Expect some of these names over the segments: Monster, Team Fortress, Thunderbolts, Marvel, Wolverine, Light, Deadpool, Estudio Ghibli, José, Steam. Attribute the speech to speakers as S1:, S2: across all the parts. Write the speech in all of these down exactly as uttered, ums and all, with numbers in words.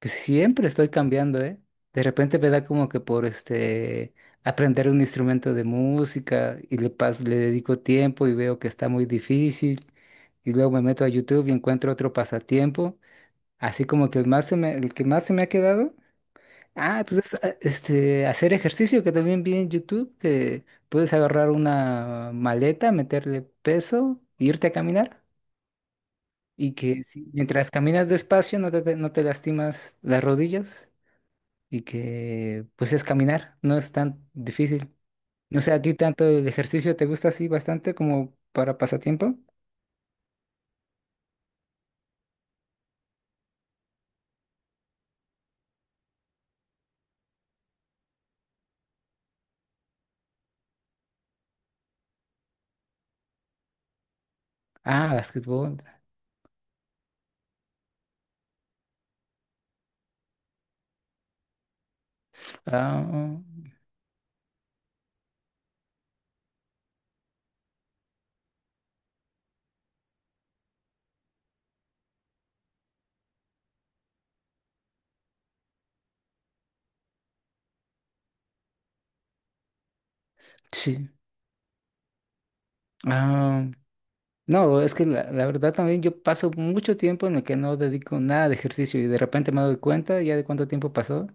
S1: Que siempre estoy cambiando, ¿eh? De repente me da como que por este aprender un instrumento de música y le pas le dedico tiempo y veo que está muy difícil y luego me meto a YouTube y encuentro otro pasatiempo, así como que el más se me, el que más se me ha quedado, ah, pues es, ah, este hacer ejercicio que también vi en YouTube que puedes agarrar una maleta, meterle peso, e irte a caminar. Y que si- mientras caminas despacio no te, no te lastimas las rodillas y que pues es caminar, no es tan difícil. No sé, ¿a ti tanto el ejercicio te gusta así bastante como para pasatiempo? Ah, básquetbol. Ah, sí. Ah, no, es que la, la verdad también yo paso mucho tiempo en el que no dedico nada de ejercicio y de repente me doy cuenta ya de cuánto tiempo pasó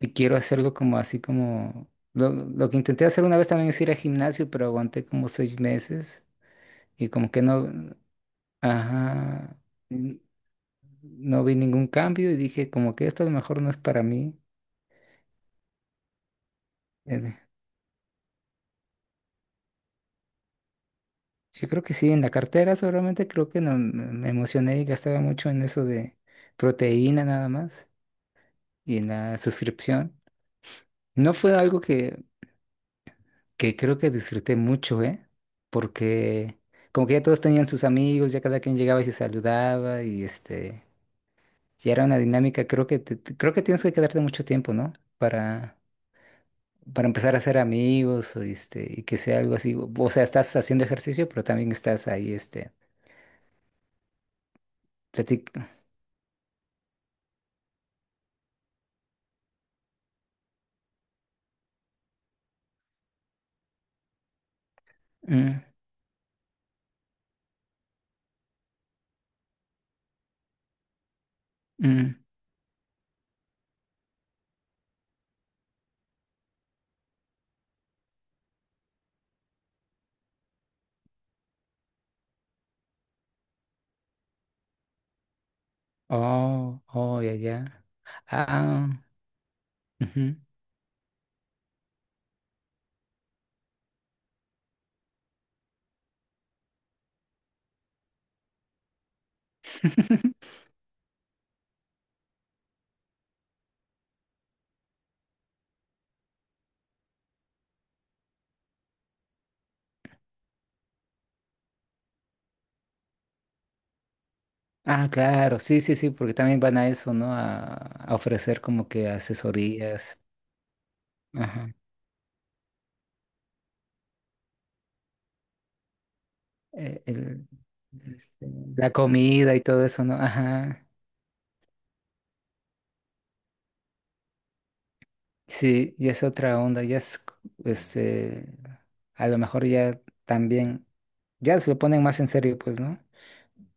S1: y quiero hacerlo como así como... Lo, lo que intenté hacer una vez también es ir al gimnasio, pero aguanté como seis meses y como que no... Ajá. No vi ningún cambio y dije como que esto a lo mejor no es para mí. Eh, yo creo que sí, en la cartera seguramente creo que no, me me emocioné y gastaba mucho en eso de proteína nada más y en la suscripción. No fue algo que, que creo que disfruté mucho, ¿eh? Porque como que ya todos tenían sus amigos, ya cada quien llegaba y se saludaba y este, ya era una dinámica, creo que te- te- creo que tienes que quedarte mucho tiempo, ¿no? Para para empezar a hacer amigos, o, este, y que sea algo así. O sea, estás haciendo ejercicio, pero también estás ahí, este, platic. Mm, mm. Oh, oh, ya, ya. Ah, ujú. Ah, claro, sí, sí, sí, porque también van a eso, ¿no? A, a ofrecer como que asesorías, ajá, eh, el- este, la comida y todo eso, ¿no? Ajá, sí, y es otra onda, ya es, este, a lo mejor ya también. Ya se lo ponen más en serio, pues, ¿no?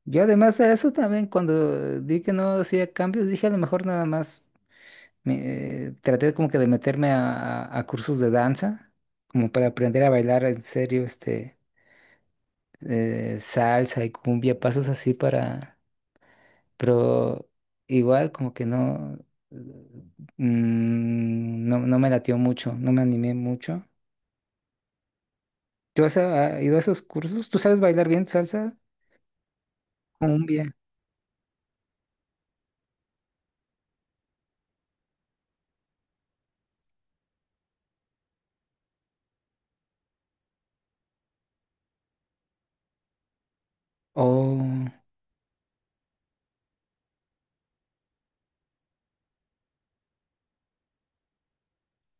S1: Yo además de eso también cuando vi que no hacía cambios, dije a lo mejor nada más me, eh, traté como que de meterme a, a- a cursos de danza, como para aprender a bailar en serio, este, eh, salsa y cumbia, pasos así para, pero igual como que no, eh, mm, no, no me latió mucho, no me animé mucho. ¿Tú has ah, ido a esos cursos? ¿Tú sabes bailar bien salsa? Cumbia. Oh,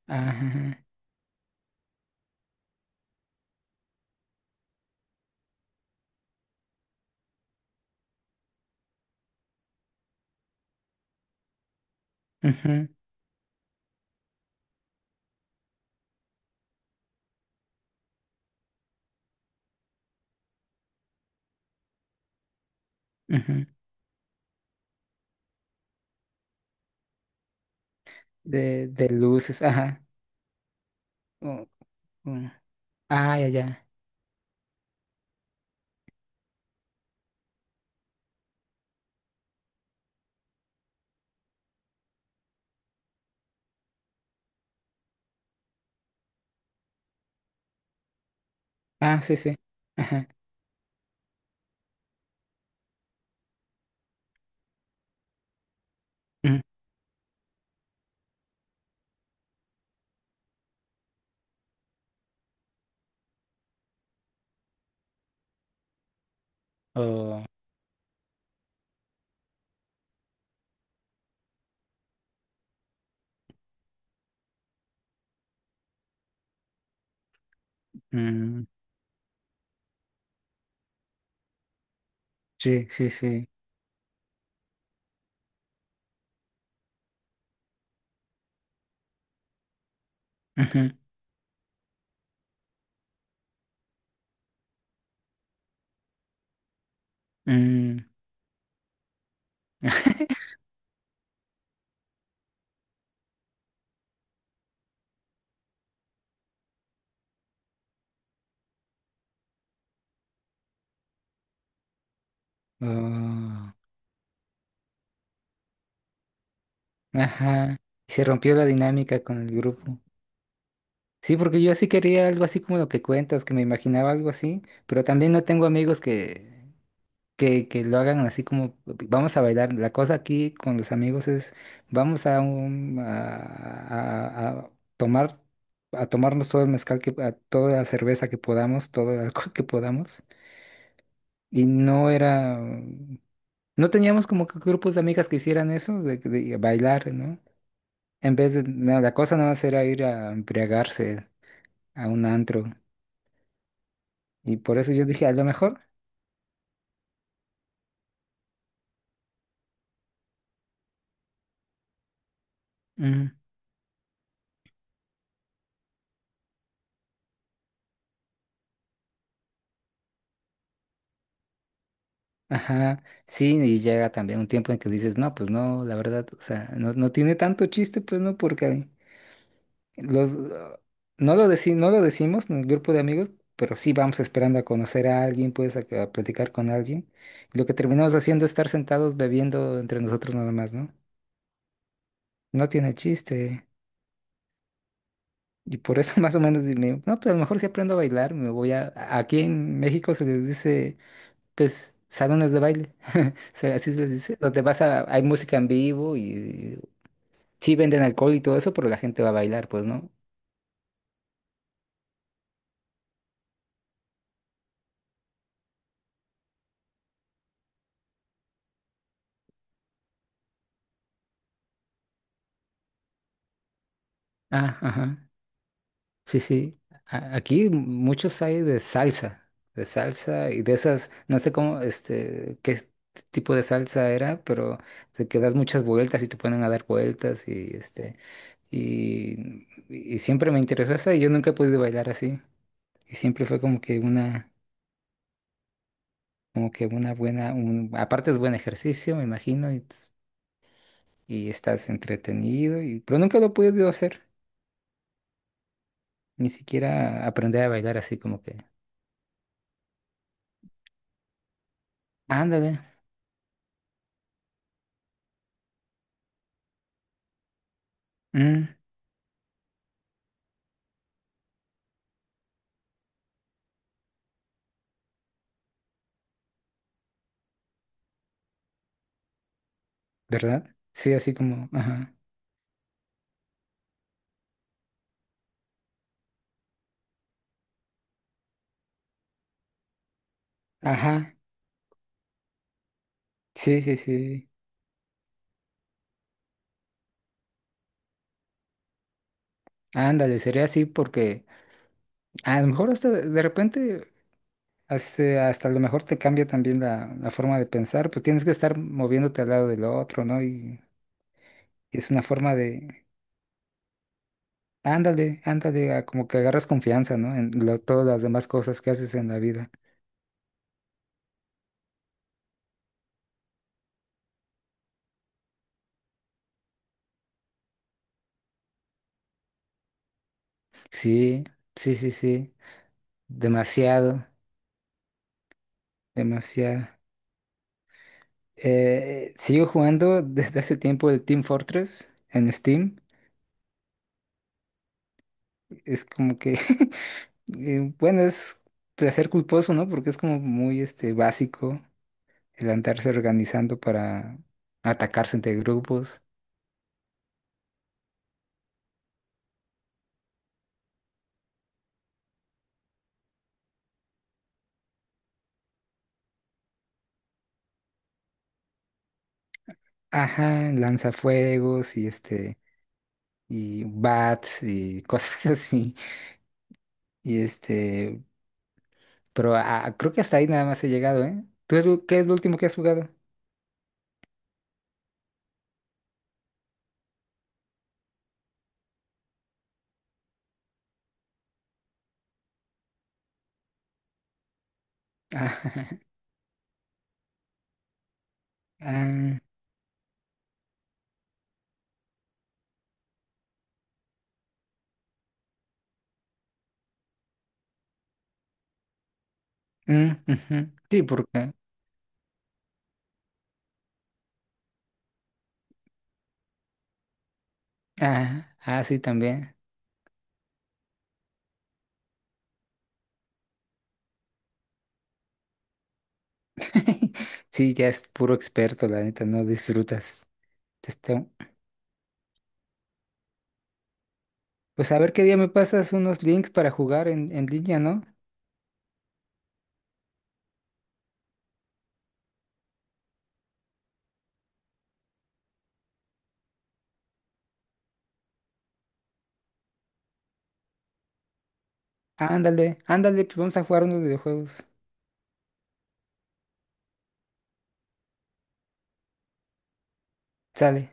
S1: ajá. Ujú, ujú. De, de luces, ajá. Oh, mm. Ah, ya, ya. Ah, sí, sí. Ajá. Mm. Oh, mm. Sí, sí, sí. Ujú, mm. Oh, ajá. Se rompió la dinámica con el grupo. Sí, porque yo sí quería algo así como lo que cuentas, que me imaginaba algo así, pero también no tengo amigos que que, que lo hagan así como vamos a bailar. La cosa aquí con los amigos es vamos a, un, a, a- a tomar a tomarnos todo el mezcal que a toda la cerveza que podamos, todo el alcohol que podamos. Y no era no teníamos como que grupos de amigas que hicieran eso de, de bailar, ¿no? En vez de no, la cosa nada más era ir a embriagarse a un antro. Y por eso yo dije, a lo mejor. Mm. Ajá, sí, y llega también un tiempo en que dices, no, pues no, la verdad, o sea, no, no tiene tanto chiste, pues no, porque los, uh, no lo deci- no lo decimos en el grupo de amigos, pero sí vamos esperando a conocer a alguien, pues a, que- a platicar con alguien. Y lo que terminamos haciendo es estar sentados bebiendo entre nosotros nada más, ¿no? No tiene chiste. Y por eso más o menos dime, no, pues a lo mejor si aprendo a bailar, me voy a, a- aquí en México se les dice, pues, salones de baile sea, así se les dice, donde vas a, hay música en vivo y sí venden alcohol y todo eso, pero la gente va a bailar, pues, ¿no? Ah, ajá. Sí, sí. A- aquí muchos hay de salsa, de salsa y de esas, no sé cómo, este, qué es- tipo de salsa era, pero te que das muchas vueltas y te ponen a dar vueltas y este, y, y siempre me interesó esa y yo nunca he podido bailar así. Y siempre fue como que una, como que una buena, un, aparte es buen ejercicio, me imagino, y, y estás entretenido, y, pero nunca lo he podido hacer. Ni siquiera aprender a bailar así como que, ándale, mm, ¿verdad? Sí, así como, ajá, ajá, sí, sí, sí, ándale, sería así porque a lo mejor hasta de repente, hasta, hasta a lo mejor te cambia también la, la forma de pensar, pues tienes que estar moviéndote al lado del otro, ¿no? Y, y es una forma de, ándale, ándale, a como que agarras confianza, ¿no? En lo- todas las demás cosas que haces en la vida. Sí, sí, sí, sí, demasiado, demasiado. Eh, sigo jugando desde hace tiempo el Team Fortress en Steam. Es como que, eh, bueno, es placer culposo, ¿no? Porque es como muy este, básico el andarse organizando para atacarse entre grupos. Ajá, lanzafuegos y este, y bats y cosas así. Y este, pero ah, creo que hasta ahí nada más he llegado, ¿eh? ¿Tú es lo- qué es lo último que has jugado? Ah, ah, mm, ujú. Sí, porque Ah, ah, sí, también. Sí, ya es puro experto, la neta, no disfrutas. Te Pues a ver qué día me pasas unos links para jugar en, en línea, ¿no? Ándale, ándale, pues vamos a jugar unos videojuegos. Sale.